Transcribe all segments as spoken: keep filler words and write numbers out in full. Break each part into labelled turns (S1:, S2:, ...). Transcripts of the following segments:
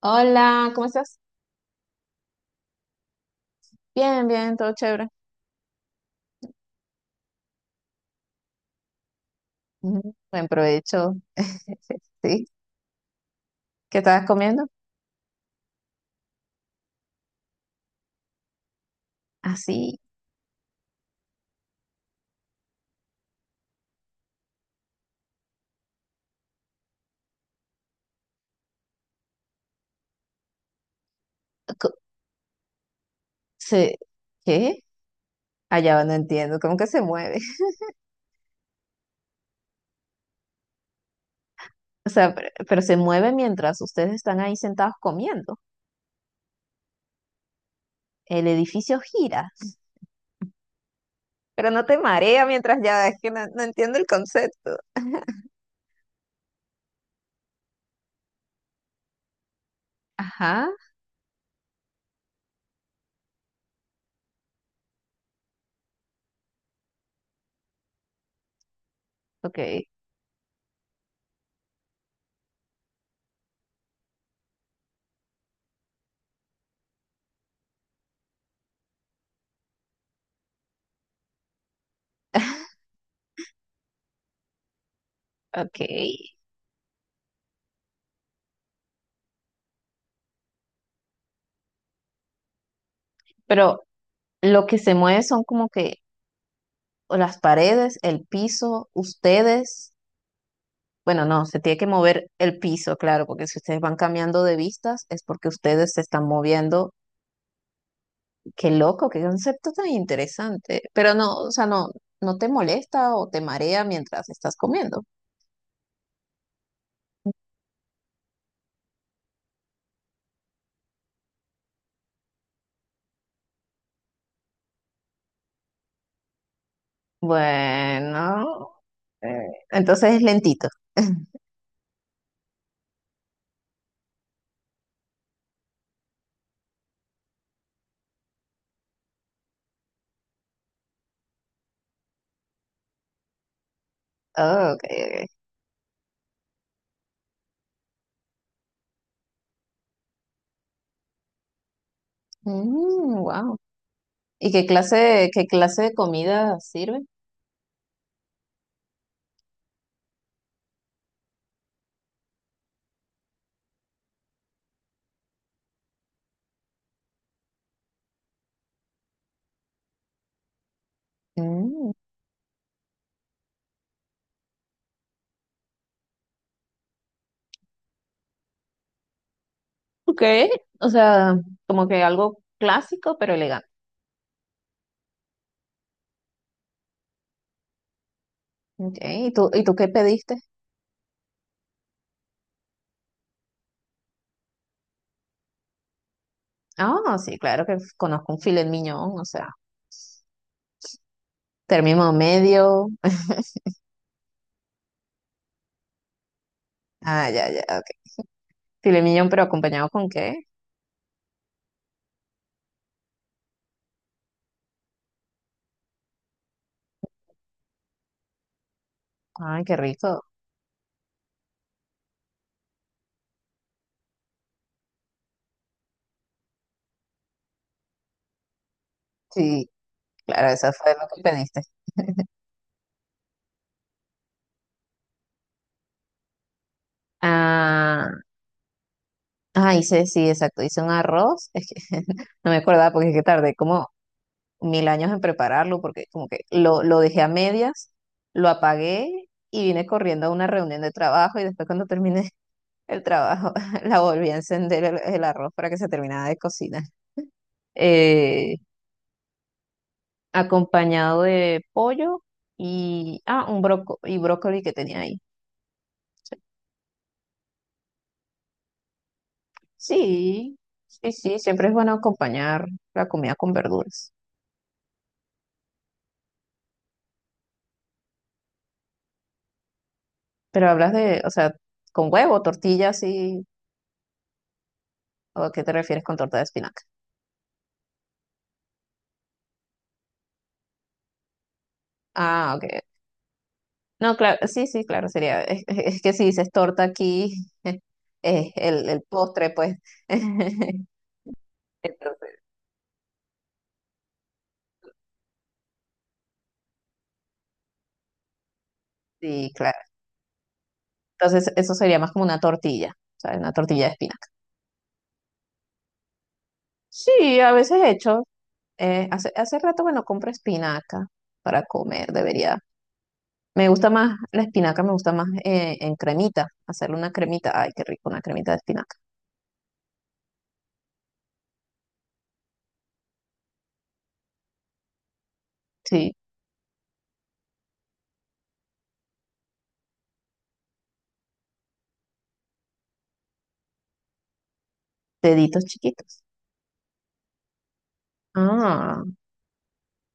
S1: Hola, ¿cómo estás? Bien, bien, todo chévere. Ujú, buen provecho. Sí, ¿qué estabas comiendo? Así, se, ¿qué? Allá va, no entiendo, ¿cómo que se mueve? O sea, pero, pero se mueve mientras ustedes están ahí sentados comiendo. El edificio gira, pero no te marea mientras ya, es que no, no entiendo el concepto. Ajá, ok, ok. Pero lo que se mueve son como que o las paredes, el piso, ustedes. Bueno, no, se tiene que mover el piso, claro, porque si ustedes van cambiando de vistas es porque ustedes se están moviendo. Qué loco, qué concepto tan interesante. Pero no, o sea, no, no te molesta o te marea mientras estás comiendo. Bueno, eh, entonces es lentito. Ah, ok, ok. Wow. ¿Y qué clase, qué clase de comida sirve? Mm, ok, o sea, como que algo clásico pero elegante. Okay. ¿Y tú, y tú qué pediste? Ah, no, sí, claro que conozco un filet mignon, o sea, término medio. Ah, ya, ya, ok. Filet mignon, ¿pero acompañado con qué? Ay, qué rico. Sí, claro, eso fue lo que pediste. Ah, ah, hice, sí, exacto, hice un arroz. Es que no me acordaba porque es que tardé como mil años en prepararlo, porque como que lo, lo dejé a medias, lo apagué y vine corriendo a una reunión de trabajo y después cuando terminé el trabajo, la volví a encender el, el arroz para que se terminara de cocinar. Eh, Acompañado de pollo y, ah, un broco y brócoli que tenía ahí. Sí, sí, sí, siempre es bueno acompañar la comida con verduras. Pero hablas de, o sea, con huevo, tortilla, sí, ¿o a qué te refieres con torta de espinaca? Ah, ok. No, claro, sí, sí, claro, sería, es, es que si dices torta aquí, es el, el postre, pues. Entonces, sí, claro. Entonces, eso sería más como una tortilla, ¿sabes? Una tortilla de espinaca. Sí, a veces he hecho. Eh, hace, hace rato, bueno, compro espinaca para comer, debería. Me gusta más, la espinaca me gusta más eh, en cremita, hacerle una cremita. Ay, qué rico, una cremita de espinaca. Sí, deditos chiquitos. Ah,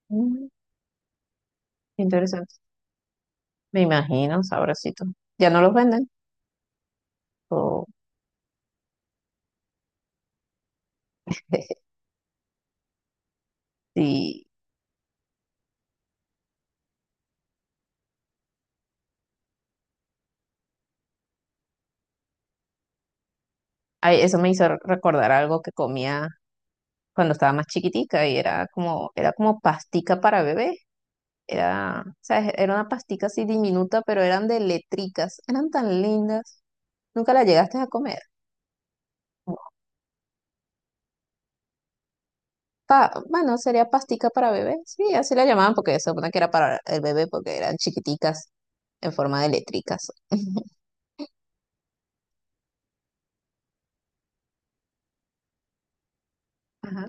S1: mm, interesante. Me imagino, sabrosito. ¿Ya no los venden? O sí. Ay, eso me hizo recordar algo que comía cuando estaba más chiquitica y era como, era como pastica para bebé. Era, ¿sabes? Era una pastica así diminuta, pero eran de letricas. Eran tan lindas. Nunca la llegaste a comer. Pa- bueno, sería pastica para bebé. Sí, así la llamaban porque se supone que era para el bebé porque eran chiquiticas en forma de letricas. Ajá.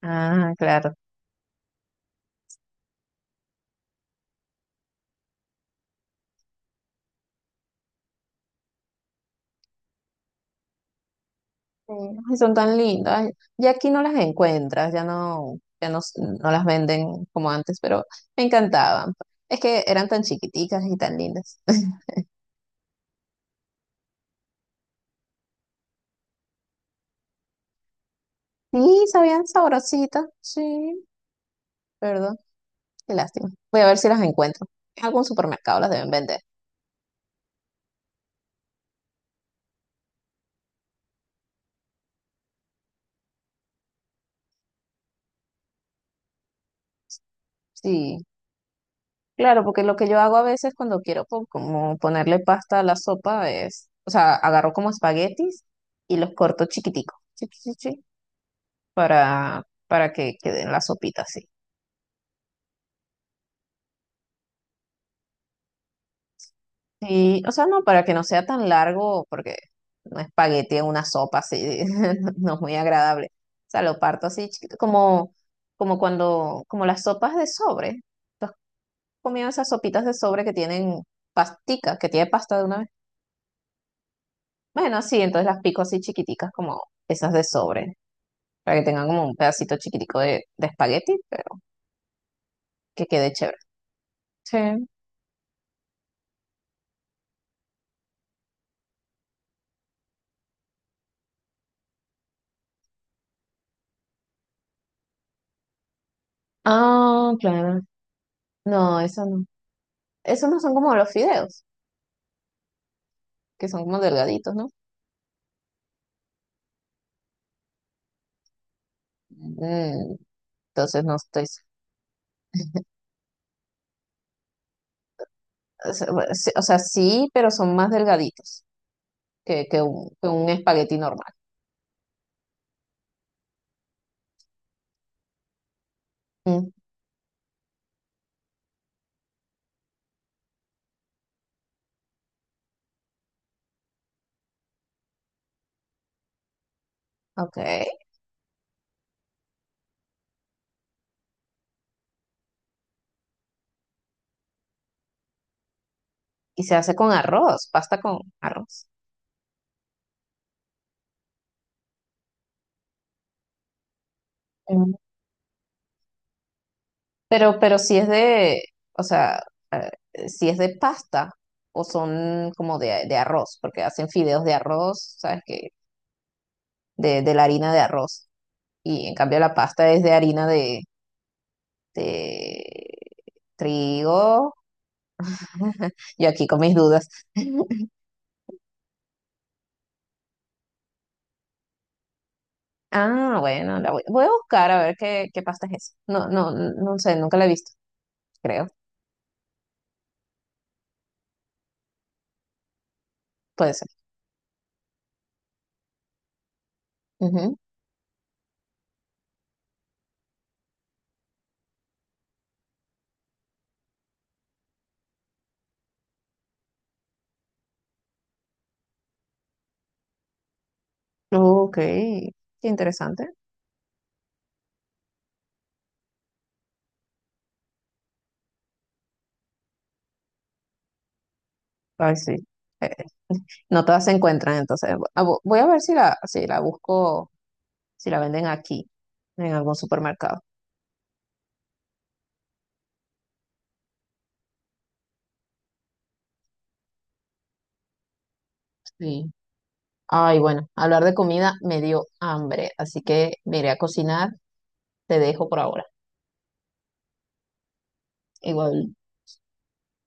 S1: Ah, claro. Sí. Ay, son tan lindas. Ya aquí no las encuentras, ya no, ya no, s- no las venden como antes, pero me encantaban. Es que eran tan chiquiticas y tan lindas. Sí, sabían sabrositas. Sí, perdón. Qué lástima. Voy a ver si las encuentro. En algún supermercado las deben vender. Sí. Claro, porque lo que yo hago a veces cuando quiero po- como ponerle pasta a la sopa es, o sea, agarro como espaguetis y los corto chiquiticos, chi, chi, chi, chi, para, para que queden la sopita así. Y, o sea, no, para que no sea tan largo, porque un espagueti en una sopa así no es muy agradable. O sea, lo parto así chiquito, como, como cuando, como las sopas de sobre. ¿Tú has comido esas sopitas de sobre que tienen pastica, que tiene pasta de una vez? Bueno, sí, entonces las pico así chiquiticas, como esas de sobre, para que tengan como un pedacito chiquitico de, de espagueti, pero que quede chévere. Sí. Ah, claro. No, eso no. Esos no son como los fideos, que son como delgaditos, ¿no? Mm, entonces no estoy. S- O sea, bueno, sí- o sea, sí, pero son más delgaditos que, que un, que un espagueti normal. Mm, ok. Y se hace con arroz, pasta con arroz. Pero, pero si es de, o sea, eh, si es de pasta o son como de, de arroz, porque hacen fideos de arroz, ¿sabes qué? De, de la harina de arroz. Y en cambio la pasta es de harina de, de trigo. Yo aquí con mis dudas. Ah, bueno, la voy, voy a buscar a ver qué, qué pasta es esa. No, no, no sé, nunca la he visto, creo. Puede ser. Ujú. Ok, qué interesante. Ay, sí. No todas se encuentran, entonces ah, vo- voy a ver si la, si la busco, si la venden aquí, en algún supermercado. Sí. Ay, bueno, hablar de comida me dio hambre, así que me iré a cocinar. Te dejo por ahora. Igual.